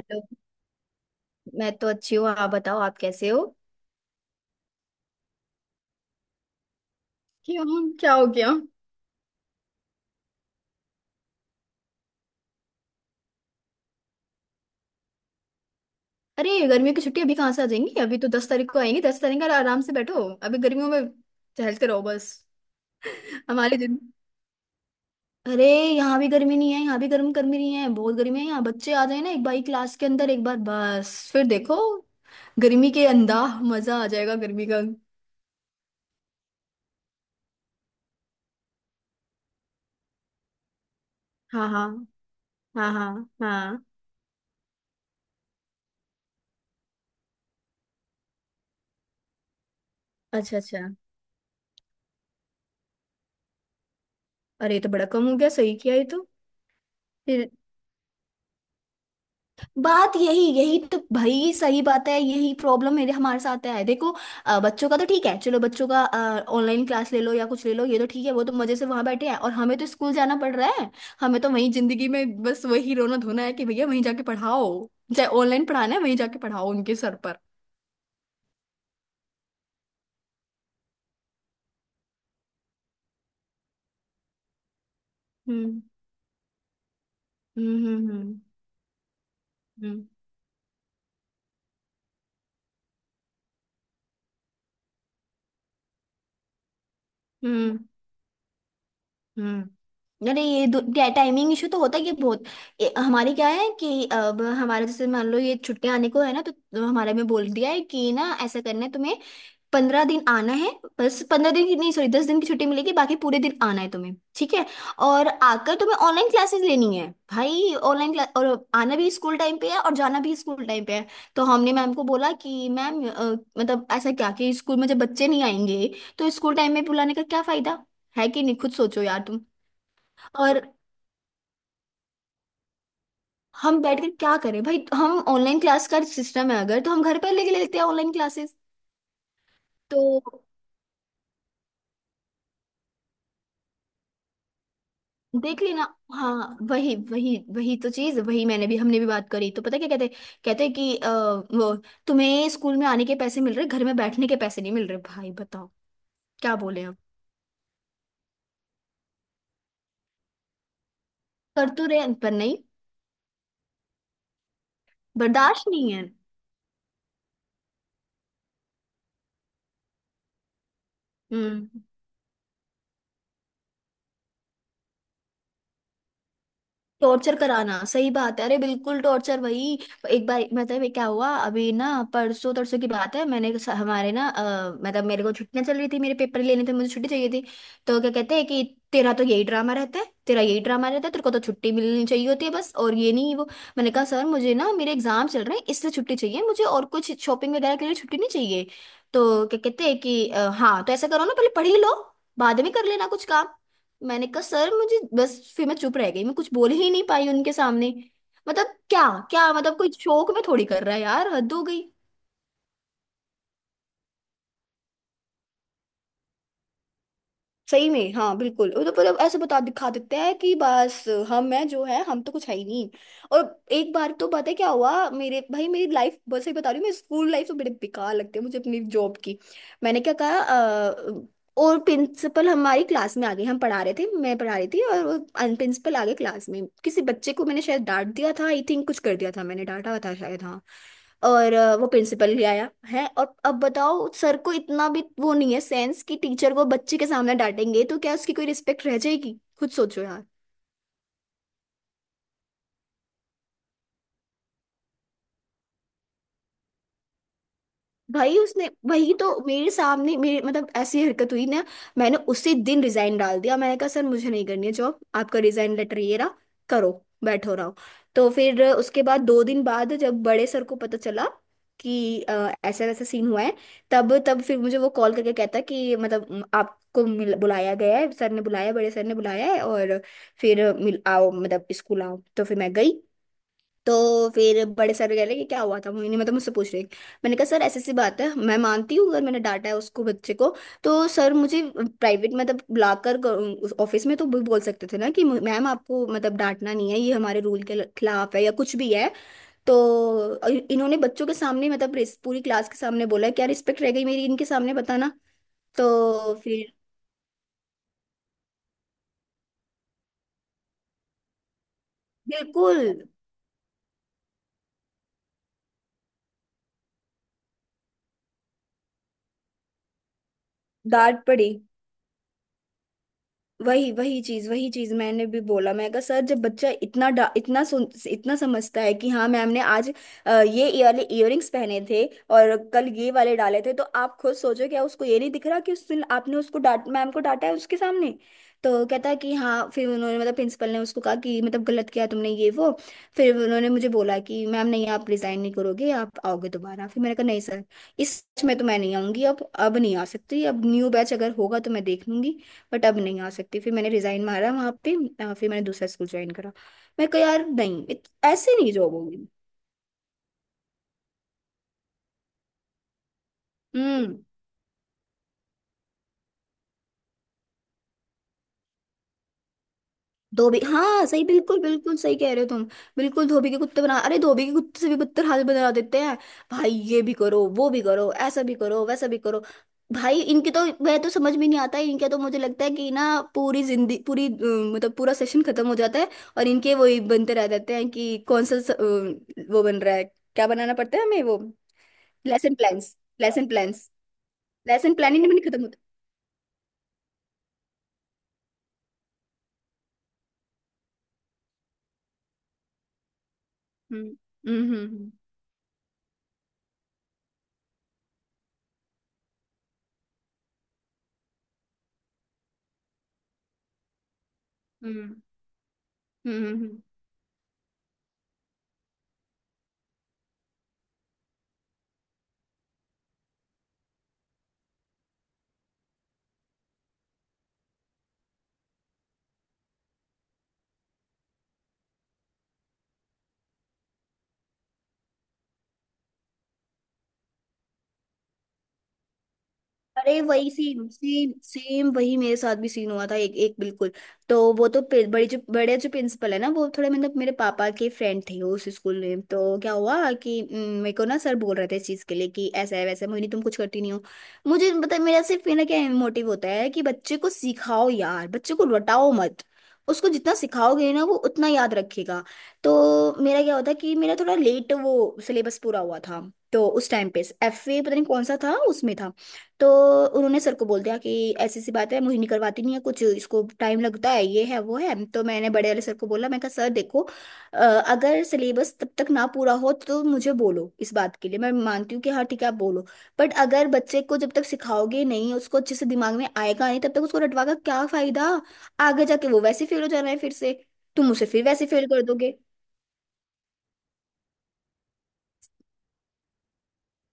Hello. मैं तो अच्छी हूँ आप बताओ आप कैसे हो। क्यों क्या हो गया। अरे गर्मियों की छुट्टी अभी कहाँ से आ जाएंगी। अभी तो 10 तारीख को आएंगी। 10 तारीख का आराम से बैठो अभी गर्मियों में टहलते रहो बस। हमारे दिन। अरे यहाँ भी गर्मी नहीं है। यहाँ भी गर्म गर्मी नहीं है, बहुत गर्मी है। यहाँ बच्चे आ जाए ना एक बार क्लास के अंदर एक बार बस फिर देखो। गर्मी के अंदा मजा आ जाएगा गर्मी का। हाँ हाँ। हाँ हाँ हाँ। अच्छा अच्छा। अरे ये तो बड़ा कम हो गया। सही किया ये। तो बात यही यही तो भाई सही बात है। यही प्रॉब्लम मेरे हमारे साथ है देखो। बच्चों का तो ठीक है। चलो बच्चों का ऑनलाइन क्लास ले लो या कुछ ले लो, ये तो ठीक है। वो तो मजे से वहां बैठे हैं और हमें तो स्कूल जाना पड़ रहा है। हमें तो वही जिंदगी में बस वही रोना धोना है कि भैया वहीं जाके पढ़ाओ। चाहे ऑनलाइन पढ़ाना है वहीं जाके पढ़ाओ उनके सर पर। हम्म हम्म, हम्म हम्म हम्म। अरे ये टाइमिंग इशू तो होता है ये बहुत। हमारे क्या है कि अब हमारे जैसे मान लो ये छुट्टियां आने को है ना, तो हमारे में बोल दिया है कि ना ऐसा करना है तुम्हें। 15 दिन आना है। बस 15 दिन की नहीं सॉरी 10 दिन की छुट्टी मिलेगी, बाकी पूरे दिन आना है तुम्हें ठीक है। और आकर तुम्हें ऑनलाइन क्लासेस लेनी है। भाई ऑनलाइन क्लास, और आना भी स्कूल टाइम पे है और जाना भी स्कूल टाइम पे है। तो हमने मैम को बोला कि मैम मतलब ऐसा क्या कि स्कूल में जब बच्चे नहीं आएंगे तो स्कूल टाइम में बुलाने का क्या फायदा। है कि नहीं, खुद सोचो यार तुम। और हम बैठकर क्या करें भाई। हम ऑनलाइन क्लास का सिस्टम है अगर तो हम घर पर लेके ले लेते हैं ऑनलाइन क्लासेस। तो देख लेना। हाँ वही वही वही तो चीज। वही मैंने भी हमने भी बात करी। तो पता है क्या कहते। कहते कि वो तुम्हें स्कूल में आने के पैसे मिल रहे, घर में बैठने के पैसे नहीं मिल रहे भाई बताओ। क्या बोले हम। कर तो रहे हैं, पर नहीं। बर्दाश्त नहीं है। हम्म। टॉर्चर कराना सही बात है। अरे बिल्कुल टॉर्चर वही। एक बार मतलब ये क्या हुआ। अभी ना परसों तरसों की बात है। मैंने हमारे ना मतलब मेरे को छुट्टियां चल रही थी। मेरे पेपर लेने थे, मुझे छुट्टी चाहिए थी। तो क्या कहते हैं कि तेरा तो यही ड्रामा रहता है, तेरा यही ड्रामा रहता है, तेरे को तो छुट्टी मिलनी चाहिए होती है बस और ये नहीं वो। मैंने कहा सर मुझे ना मेरे एग्जाम चल रहे हैं इसलिए छुट्टी चाहिए मुझे, और कुछ शॉपिंग वगैरह के लिए छुट्टी नहीं चाहिए। तो क्या कहते हैं कि हाँ तो ऐसा करो ना पहले पढ़ ही लो, बाद में कर लेना कुछ काम। मैंने कहा सर मुझे बस, फिर मैं चुप रह गई। मैं कुछ बोल ही नहीं पाई उनके सामने। मतलब क्या क्या मतलब, कोई शौक में थोड़ी कर रहा है यार, हद हो गई। सही में हाँ बिल्कुल। वो तो मतलब ऐसे बता दिखा देते हैं कि बस हम हैं जो है हम तो कुछ है ही नहीं। और एक बार तो पता है क्या हुआ मेरे भाई, मेरी लाइफ बस सही बता रही हूँ मैं। स्कूल लाइफ तो बड़े बेकार लगती है मुझे अपनी जॉब की। मैंने क्या कहा और प्रिंसिपल हमारी क्लास में आ गई। हम पढ़ा रहे थे, मैं पढ़ा रही थी और वो प्रिंसिपल आ गए क्लास में। किसी बच्चे को मैंने शायद डांट दिया था आई थिंक, कुछ कर दिया था मैंने, डांटा था शायद हाँ। और वो प्रिंसिपल भी आया है। और अब बताओ सर को इतना भी वो नहीं है सेंस कि टीचर को बच्चे के सामने डांटेंगे तो क्या उसकी कोई रिस्पेक्ट रह जाएगी, खुद सोचो यार। भाई उसने वही तो मेरे सामने मेरे मतलब ऐसी हरकत हुई ना, मैंने उसी दिन रिजाइन डाल दिया। मैंने कहा सर मुझे नहीं करनी है जॉब, आपका रिजाइन लेटर ये रहा। करो बैठो रहो। तो फिर उसके बाद दो दिन बाद जब बड़े सर को पता चला कि ऐसा वैसा सीन हुआ है, तब तब फिर मुझे वो कॉल करके कहता है कि मतलब आपको बुलाया गया है, सर ने बुलाया बड़े सर ने बुलाया है, और फिर मिल आओ मतलब स्कूल आओ। तो फिर मैं गई। तो फिर बड़े सर कह रहे कि क्या हुआ था मोहिनी, मतलब मुझसे पूछ रही। मैंने कहा सर ऐसी सी बात है मैं मानती हूँ अगर मैंने डांटा है उसको बच्चे को, तो सर मुझे प्राइवेट मतलब बुलाकर ऑफिस में तो भी बोल सकते थे ना कि मैम आपको मतलब डांटना नहीं है, ये हमारे रूल के खिलाफ है या कुछ भी है। तो इन्होंने बच्चों के सामने मतलब पूरी क्लास के सामने बोला। क्या रिस्पेक्ट रह गई मेरी इनके सामने बताना। तो फिर बिल्कुल डांट पड़ी। वही वही चीज, वही चीज मैंने भी बोला। मैं कहा सर जब बच्चा इतना इतना इतना समझता है कि हाँ मैम ने आज ये वाले इयररिंग्स पहने थे और कल ये वाले डाले थे, तो आप खुद सोचो क्या उसको ये नहीं दिख रहा कि उस दिन आपने उसको डांट मैम को डांटा है उसके सामने। तो कहता है कि हाँ। फिर उन्होंने मतलब प्रिंसिपल ने उसको कहा कि मतलब गलत किया तुमने ये वो। फिर उन्होंने मुझे बोला कि मैम नहीं आप रिजाइन नहीं करोगे, आप आओगे दोबारा। फिर मैंने कहा नहीं सर, इस batch में तो मैं नहीं आऊंगी। अब नहीं आ सकती। अब न्यू बैच अगर होगा तो मैं देख लूंगी, बट अब नहीं आ सकती। फिर मैंने रिजाइन मारा वहाँ पे। फिर मैंने दूसरा स्कूल ज्वाइन करा। मैं कहा यार नहीं ऐसे नहीं जॉब होगी। हम्म। धोबी हाँ सही, बिल्कुल बिल्कुल सही कह रहे हो तुम। बिल्कुल धोबी के कुत्ते बना, अरे धोबी के कुत्ते से भी बदतर हाल बना देते हैं। भाई ये भी करो वो भी करो ऐसा भी करो वैसा भी करो। भाई इनके तो वह तो समझ में नहीं आता है। इनके तो मुझे लगता है कि ना पूरी जिंदगी पूरी मतलब पूरा सेशन खत्म हो जाता है। और इनके वही बनते रह जाते हैं कि कौन सा वो बन रहा है। क्या बनाना पड़ता है हमें वो। Lesson plans lesson plans. Lesson plan ही नहीं बनी खत्म होता। हम्म, हम्म हम्म, हम्म। अरे वही सेम सेम सेम वही मेरे साथ भी सीन हुआ था एक एक बिल्कुल। तो वो तो बड़ी जो बड़े जो प्रिंसिपल है ना, वो थोड़े मतलब मेरे पापा के फ्रेंड थे उस स्कूल में। तो क्या हुआ कि मेरे को ना सर बोल रहे थे इस चीज़ के लिए कि ऐसा है वैसा है, मोहिनी तुम कुछ करती नहीं हो। मुझे पता है, मेरा सिर्फ ये ना क्या मोटिव होता है कि बच्चे को सिखाओ यार, बच्चे को रटाओ मत। उसको जितना सिखाओगे ना वो उतना याद रखेगा। तो मेरा क्या होता कि मेरा थोड़ा लेट वो सिलेबस पूरा हुआ था। तो उस टाइम पे FA पता नहीं कौन सा था उसमें था। तो उन्होंने सर को बोल दिया कि ऐसी सी बात है मुझे नहीं करवाती नहीं है कुछ, इसको टाइम लगता है, ये है वो है। तो मैंने बड़े वाले सर को बोला। मैं कहा सर देखो अगर सिलेबस तब तक ना पूरा हो तो मुझे बोलो इस बात के लिए, मैं मानती हूँ कि हाँ ठीक है आप बोलो। बट अगर बच्चे को जब तक सिखाओगे नहीं, उसको अच्छे से दिमाग में आएगा नहीं, तब तक उसको रटवा का क्या फायदा। आगे जाके वो वैसे फेल हो जाना है फिर से, तुम उसे फिर वैसे फेल कर दोगे।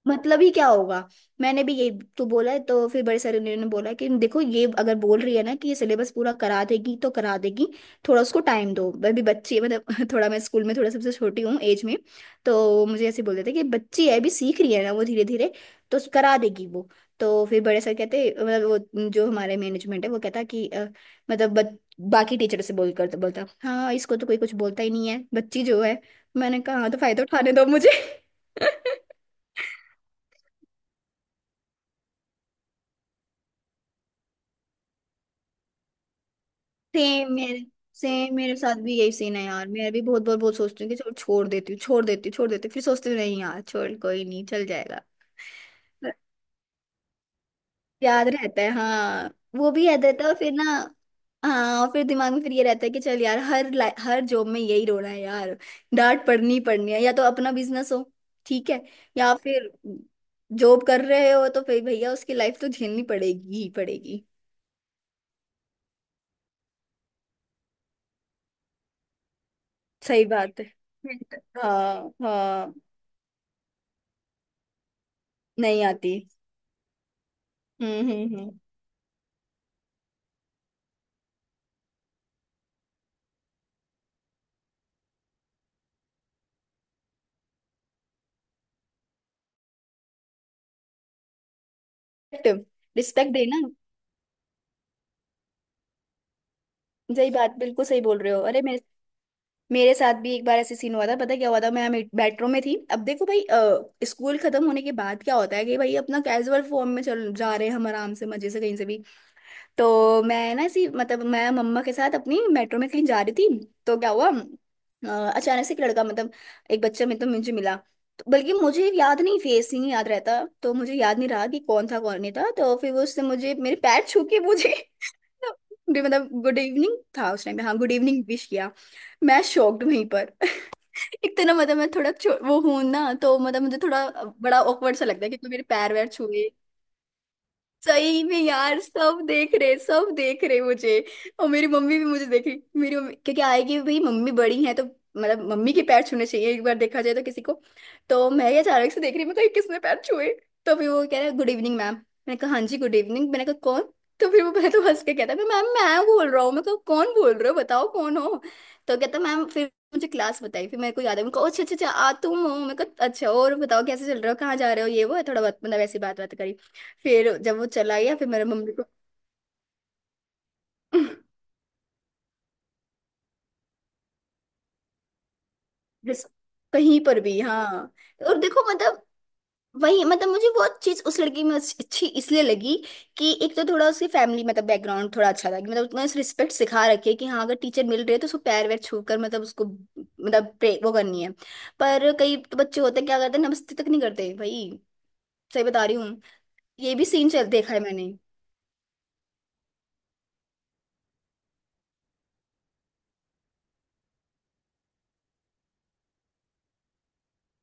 मतलब ही क्या होगा। मैंने भी ये तो बोला है। तो फिर बड़े सर ने उन्होंने बोला कि देखो ये अगर बोल रही है ना कि ये सिलेबस पूरा करा देगी तो करा देगी। थोड़ा उसको टाइम दो, मैं भी बच्ची है मतलब थोड़ा मैं स्कूल में थोड़ा सबसे छोटी हूँ एज में। तो मुझे ऐसे बोलते थे कि बच्ची है अभी सीख रही है ना वो धीरे धीरे, तो करा देगी वो। तो फिर बड़े सर कहते मतलब वो जो हमारे मैनेजमेंट है वो कहता कि मतलब बाकी टीचर से बोल कर बोलता हाँ इसको तो कोई कुछ बोलता ही नहीं है बच्ची जो है। मैंने कहा हाँ तो फायदा उठाने दो मुझे। सेम मेरे सेम मेरे साथ भी यही सीन है यार। मैं भी बहुत बार बहुत सोचती हूँ कि चलो छोड़ देती हूँ छोड़ देती हूँ छोड़ देती हूँ, फिर सोचती हूँ नहीं यार छोड़, कोई नहीं चल जाएगा। याद रहता है हाँ। वो भी याद रहता है, और फिर ना हाँ और फिर दिमाग में फिर ये रहता है कि चल यार, हर हर जॉब में यही रोना है यार। डांट पड़नी ही पड़नी है, या तो अपना बिजनेस हो। ठीक है। या फिर जॉब कर रहे हो तो फिर भैया उसकी लाइफ तो झेलनी पड़ेगी ही पड़ेगी। सही बात है। हाँ हाँ। नहीं आती। हम्म। रिस्पेक्ट। रिस्पेक्ट देना। सही बात, बिल्कुल सही बोल रहे हो। अरे मेरे मेरे साथ भी एक बार ऐसे सीन हुआ था। पता है क्या हुआ था? मैं मेट्रो में थी। अब देखो भाई, स्कूल खत्म होने के बाद क्या होता है कि भाई अपना कैजुअल फॉर्म में चल जा रहे हैं हम, आराम से मजे से कहीं से भी। तो मैं ना ऐसी, मतलब मैं मम्मा के साथ अपनी मेट्रो में कहीं जा रही थी। तो क्या हुआ, अचानक से एक लड़का, मतलब एक बच्चा मेरे, तो मुझे मिला। तो बल्कि मुझे याद नहीं, फेस ही नहीं याद रहता, तो मुझे याद नहीं रहा कि कौन था कौन नहीं था। तो फिर वो, उसने मुझे मेरे पैर छू के मुझे मतलब गुड इवनिंग था उस टाइम पे, हाँ गुड इवनिंग विश किया। मैं शॉक्ड वहीं पर। एक तो ना मतलब मैं थोड़ा वो हूं ना, तो मतलब मुझे थोड़ा बड़ा ऑकवर्ड सा लगता है कि कोई मेरे पैर वैर छुए। सही में यार, सब देख रहे, सब देख रहे मुझे। और मेरी मम्मी भी मुझे देख रही, मेरी मम्मी, क्योंकि आएगी भाई, मम्मी बड़ी है तो मतलब मम्मी के पैर छूने चाहिए, एक बार देखा जाए तो किसी को। तो मैं ये अचानक से देख रही, मैं कहीं किसने पैर छुए? तो फिर वो कह रहा है गुड इवनिंग मैम, मैंने कहा हाँ जी गुड इवनिंग, मैंने कहा कौन? तो फिर वो पहले तो हंस के कहता है मैम मैं बोल रहा हूँ, मैं कहा कौन बोल रहे हो, बताओ कौन हो। तो कहता मैम, फिर मुझे क्लास बताई, फिर मेरे को याद है, मैं कहा अच्छा अच्छा अच्छा, आ तुम हो, मैं कहा अच्छा और बताओ कैसे चल रहे हो, कहाँ जा रहे हो, ये वो है, थोड़ा बहुत मतलब ऐसी बात बात करी। फिर जब वो चला गया फिर मेरे मम्मी को जिस कहीं पर भी हाँ। और देखो मतलब वही, मतलब मुझे वो चीज उस लड़की में अच्छी, अच्छी इसलिए लगी कि एक तो थोड़ा उसकी फैमिली मतलब बैकग्राउंड थोड़ा अच्छा था कि मतलब उसने रिस्पेक्ट सिखा रखी है कि हाँ अगर टीचर मिल रहे है तो उसको पैर वैर छू कर मतलब उसको मतलब प्रे वो करनी है। पर कई तो बच्चे होते हैं, क्या करते हैं, नमस्ते तक नहीं करते भाई। सही बता रही हूँ। ये भी सीन चल देखा है मैंने।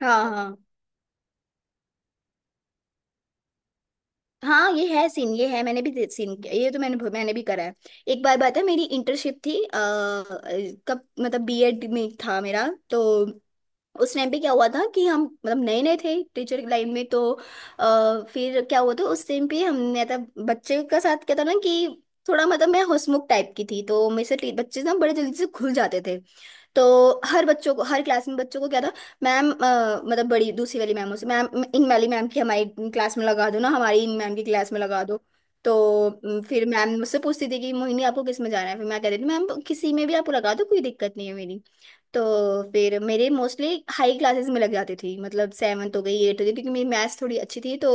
हाँ हाँ हाँ। ये है सीन, ये है, मैंने भी सीन किया, ये तो मैंने, मैंने भी करा है। एक बार बात है, मेरी इंटर्नशिप थी, कब मतलब बीएड में था मेरा। तो उस टाइम पे क्या हुआ था कि हम मतलब नए नए थे टीचर की लाइन में। तो फिर क्या हुआ था उस टाइम पे हमने था, बच्चे का साथ क्या था ना कि थोड़ा मतलब मैं हंसमुख टाइप की थी, तो मेरे से बच्चे ना बड़े जल्दी से खुल जाते थे। तो हर बच्चों को, हर क्लास में बच्चों को क्या था, मैम मतलब बड़ी दूसरी वाली मैमों से, मैम इन वाली मैम की हमारी क्लास में लगा दो ना, हमारी इन मैम की क्लास में लगा दो। तो फिर मैम मुझसे पूछती थी कि मोहिनी आपको किस में जाना है, फिर मैं कह देती थी मैम किसी में भी आपको लगा दो, कोई दिक्कत नहीं है मेरी। तो फिर मेरे मोस्टली हाई क्लासेस में लग जाती थी, मतलब सेवन्थ हो गई एट हो गई, क्योंकि मेरी मैथ्स थोड़ी अच्छी थी। तो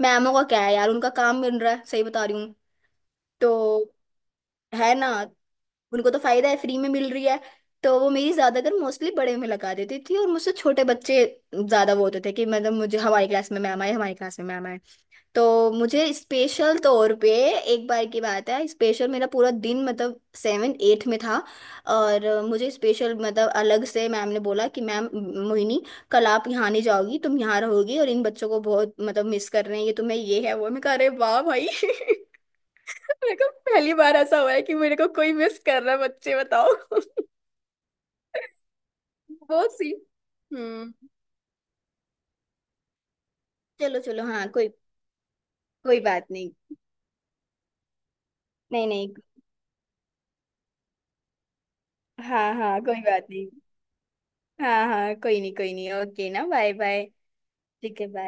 मैमों का क्या है यार, उनका काम मिल रहा है, सही बता रही हूँ। तो है ना, उनको तो फायदा है, फ्री में मिल रही है। तो वो मेरी ज्यादातर मोस्टली बड़े में लगा देती थी, और मुझसे छोटे बच्चे ज्यादा वो होते थे कि मतलब मुझे हमारी क्लास में मैम आए, हमारी क्लास में मैम आए। तो मुझे स्पेशल तौर पे, एक बार की बात है, स्पेशल मेरा पूरा दिन मतलब सेवन एट में था, और मुझे स्पेशल मतलब अलग से मैम ने बोला कि मैम मोहिनी, कल आप यहाँ नहीं जाओगी, तुम यहाँ रहोगी, और इन बच्चों को बहुत मतलब मिस कर रहे हैं ये, तुम्हें ये है वो है। मैं कह अरे वाह भाई। मेरे को पहली बार ऐसा हुआ है कि मेरे को कोई मिस कर रहा है, बच्चे बताओ। बहुत सी। हम्म। चलो चलो हाँ कोई, कोई बात नहीं। नहीं नहीं, हाँ हाँ कोई बात नहीं, हाँ हाँ कोई नहीं कोई नहीं, ओके ना, बाय बाय। ठीक है बाय।